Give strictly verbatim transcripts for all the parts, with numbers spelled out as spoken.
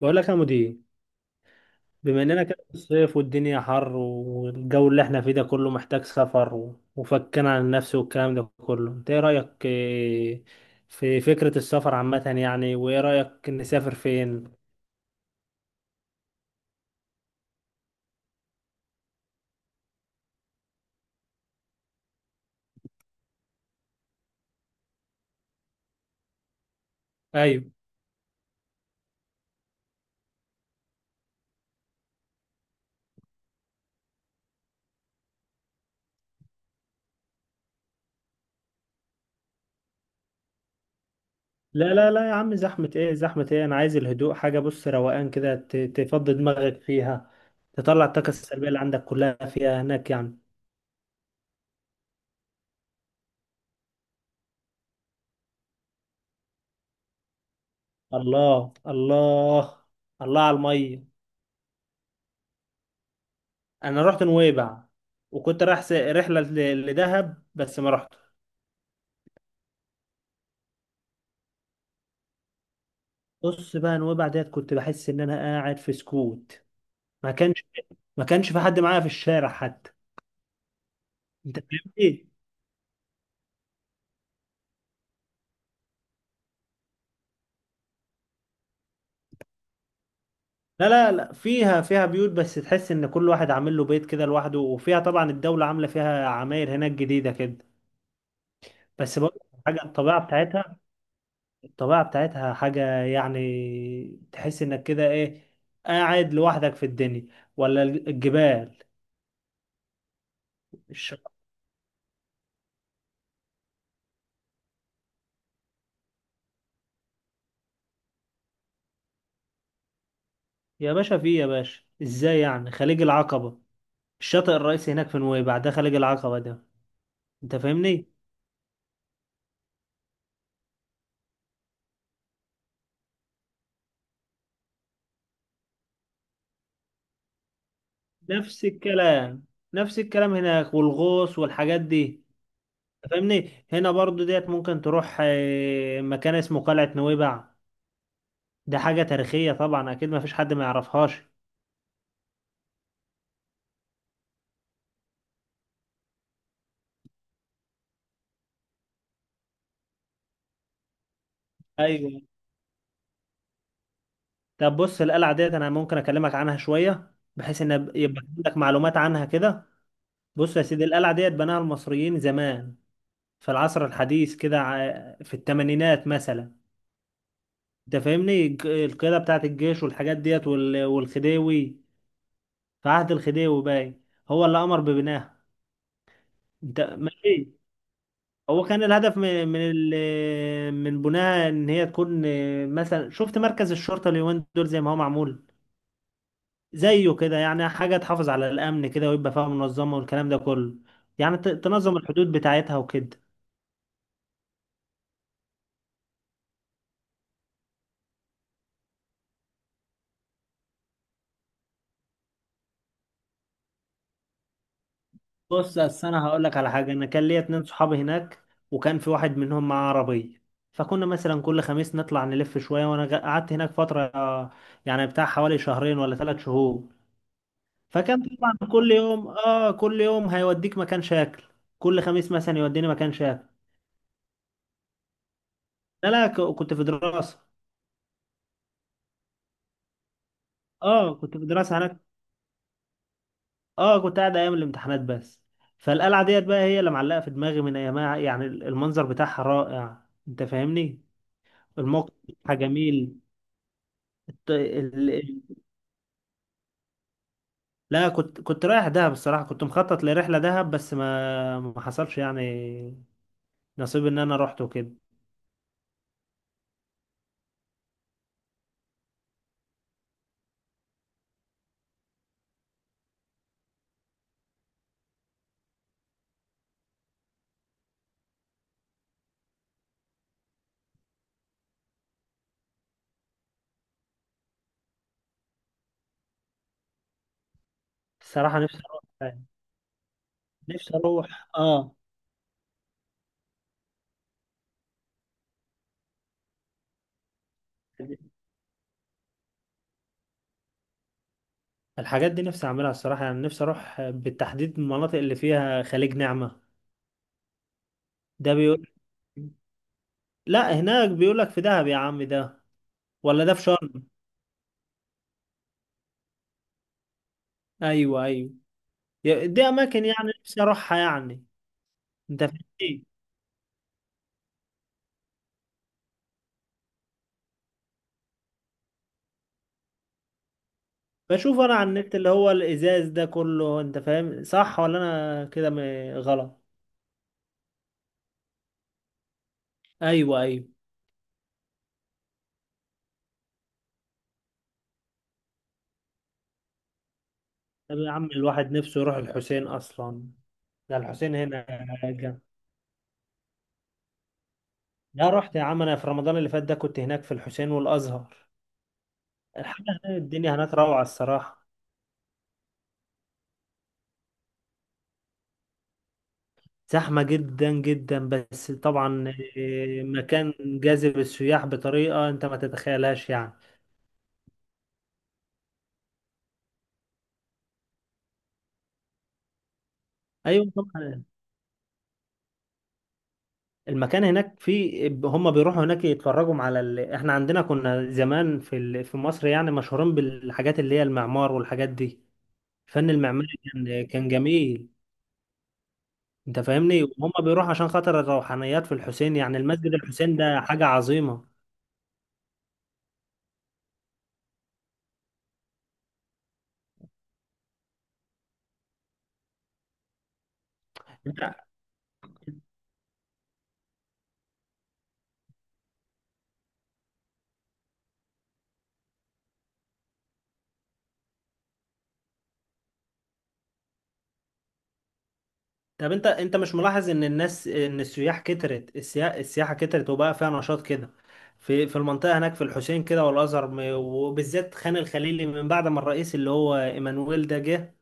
بقول لك يا مدير. بما اننا كده في الصيف والدنيا حر والجو اللي احنا فيه ده كله محتاج سفر و- وفكنا عن النفس والكلام ده كله، انت ايه رأيك إيه، في فكرة السفر عامة يعني؟ وايه رأيك نسافر فين؟ ايوه. لا لا لا يا عم، زحمة ايه زحمة ايه، انا عايز الهدوء، حاجة بص روقان كده ت- تفضي دماغك فيها، تطلع الطاقة السلبية اللي عندك كلها فيها هناك يعني. الله الله، الله على المية. انا رحت نويبع، وكنت رايح س- رحله ل- لدهب بس ما رحت. بص بقى نويبع ديت كنت بحس ان انا قاعد في سكوت، ما كانش ما كانش في حد معايا في الشارع حتى. انت فاهمني؟ لا لا لا، فيها فيها بيوت بس تحس ان كل واحد عامل له بيت كده لوحده، وفيها طبعا الدوله عامله فيها عماير هناك جديده كده. بس برضه حاجه الطبيعه بتاعتها، الطبيعه بتاعتها حاجه، يعني تحس انك كده ايه، قاعد لوحدك في الدنيا، ولا الجبال. يا باشا في إيه يا باشا، ازاي يعني خليج العقبة؟ الشاطئ الرئيسي هناك في نويبع ده خليج العقبة ده، انت فاهمني؟ نفس الكلام نفس الكلام هناك، والغوص والحاجات دي. انت فاهمني، هنا برضو ديت ممكن تروح آه، مكان اسمه قلعة نويبع، ده حاجة تاريخية طبعا، اكيد ما فيش حد ما يعرفهاش. ايوه. طب بص، القلعة ديت انا ممكن اكلمك عنها شوية بحيث ان يبقى عندك معلومات عنها كده. بص يا سيدي، القلعة ديت بناها المصريين زمان في العصر الحديث كده، ع- في الثمانينات مثلا. انت فاهمني، الج- القيادة بتاعت الجيش والحاجات ديت، وال- والخديوي، في عهد الخديوي باين، هو اللي أمر ببنائها. انت ماشي؟ هو كان الهدف من من ال- من بنائها ان هي تكون مثلا، شفت مركز الشرطة اليومين دول زي ما هو معمول، زيه كده يعني، حاجة تحافظ على الأمن كده ويبقى فيها منظمة والكلام ده كله، يعني ت- تنظم الحدود بتاعتها وكده. بص اصل انا هقول لك على حاجه، انا كان ليا اتنين صحابي هناك، وكان في واحد منهم معاه عربيه، فكنا مثلا كل خميس نطلع نلف شويه، وانا غ- قعدت هناك فتره، آه، يعني بتاع حوالي شهرين ولا ثلاث شهور. فكان طبعا كل يوم اه كل يوم هيوديك مكان شاكل، كل خميس مثلا يوديني مكان شاكل. لا لا، ك- كنت في دراسه. اه كنت في دراسه هناك، اه كنت قاعد ايام الامتحانات بس. فالقلعه ديت بقى هي اللي معلقه في دماغي من ايامها، يعني المنظر بتاعها رائع، انت فاهمني، الموقف بتاعها جميل. ت- ال... ال- لا، كنت كنت رايح دهب، الصراحة كنت مخطط لرحلة دهب بس ما ما حصلش يعني، نصيب ان انا رحت وكده. الصراحة نفسي اروح يعني. نفسي اروح اه. الحاجات دي نفسي اعملها الصراحة، يعني نفسي اروح بالتحديد المناطق اللي فيها خليج نعمة. ده بيقول، لا هناك بيقول لك في دهب يا عم ده، ولا ده في شرم؟ ايوه ايوه، دي اماكن يعني نفسي اروحها يعني، انت فاهم. بشوف انا على النت اللي هو الازاز ده كله، انت فاهم صح ولا انا كده م- غلط؟ ايوه ايوه. طب يا عم الواحد نفسه يروح الحسين اصلا، ده الحسين هنا جنب. يا رحت يا عم، انا في رمضان اللي فات ده كنت هناك في الحسين والازهر. الحاجه هنا، الدنيا هناك روعه الصراحه. زحمه جدا جدا بس طبعا إيه، مكان جاذب السياح بطريقه انت ما تتخيلهاش يعني. ايوه طبعا. المكان هناك في، هم بيروحوا هناك يتفرجوا على ال... احنا عندنا كنا زمان في ال... في مصر يعني مشهورين بالحاجات اللي هي المعمار والحاجات دي. الفن المعماري كان كان جميل. انت فاهمني، وهم بيروحوا عشان خاطر الروحانيات في الحسين، يعني المسجد الحسين ده حاجة عظيمة. انت طب انت انت مش ملاحظ ان الناس، ان السياح كترت، السيا... السياحة كترت وبقى فيها نشاط كده في في المنطقة هناك في الحسين كده والأزهر، م- وبالذات خان الخليلي من بعد ما الرئيس اللي هو ايمانويل ده جه.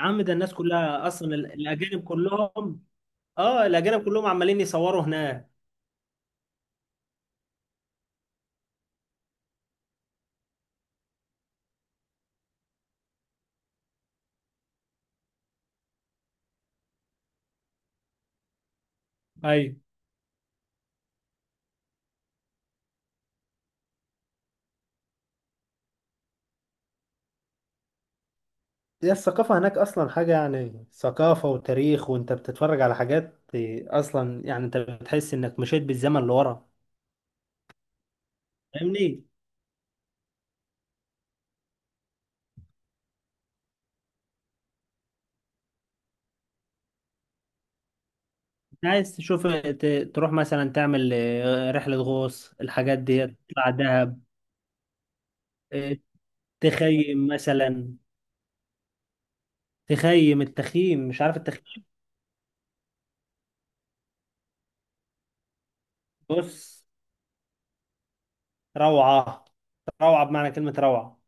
عم ده الناس كلها اصلا ال- الاجانب كلهم، اه الاجانب كلهم عمالين يصوروا هناك. ايوه، هي الثقافة هناك أصلا حاجة، يعني ثقافة وتاريخ، وأنت بتتفرج على حاجات أصلا يعني أنت بتحس إنك مشيت بالزمن لورا، فاهمني. انت عايز تشوف ت- تروح مثلا تعمل آه، رحلة غوص، الحاجات دي، تطلع دهب. آه، تخيم مثلا، تخيم التخييم، مش عارف التخييم؟ بص، روعة، روعة بمعنى كلمة روعة.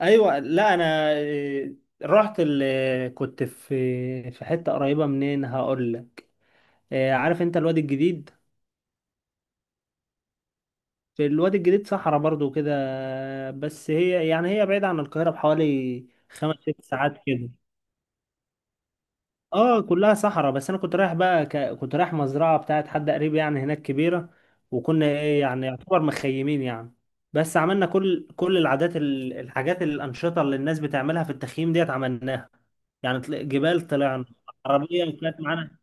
ايوه لا انا آه، رحت ال... آه، كنت في في حته قريبه، منين هقول لك، آه، عارف انت الوادي الجديد؟ في الوادي الجديد صحراء برضو كده، بس هي يعني هي بعيده عن القاهره بحوالي خمس ست ساعات كده. اه كلها صحراء، بس انا كنت رايح بقى، ك... كنت رايح مزرعه بتاعت حد قريب يعني هناك كبيره، وكنا ايه يعني يعتبر مخيمين يعني. بس عملنا كل كل العادات، ال- الحاجات الانشطه اللي الناس بتعملها في التخييم ديت عملناها، يعني طل- جبال طلعنا، عربيه كانت معانا.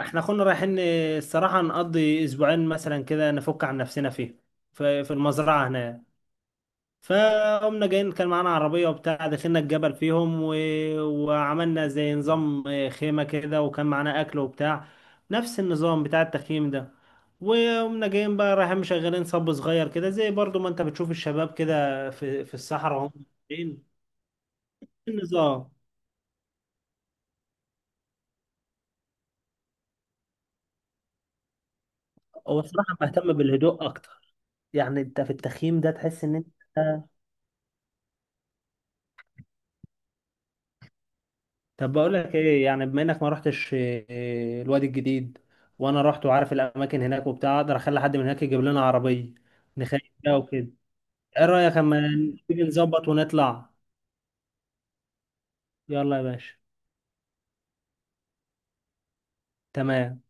احنا كنا رايحين الصراحه نقضي اسبوعين مثلا كده، نفك عن نفسنا فيه في في المزرعه هناك. فقمنا جايين، كان معانا عربية وبتاع، دخلنا الجبل فيهم، و... وعملنا زي نظام آه، خيمة كده، وكان معانا أكل وبتاع، نفس النظام بتاع التخييم ده. وقمنا جايين بقى رايحين مشغلين صب صغير كده، زي برضو ما انت بتشوف الشباب كده في في الصحراء وهم ماشيين. النظام، هو الصراحة بهتم بالهدوء أكتر، يعني أنت في التخييم ده تحس إن أنت. طب بقول لك ايه، يعني بما انك ما رحتش إيه، الوادي الجديد، وانا رحت وعارف الاماكن هناك وبتاع، اقدر اخلي حد من هناك يجيب لنا عربيه نخيم بيها وكده. ايه رايك اما نيجي نظبط ونطلع؟ يلا يا باشا. تمام.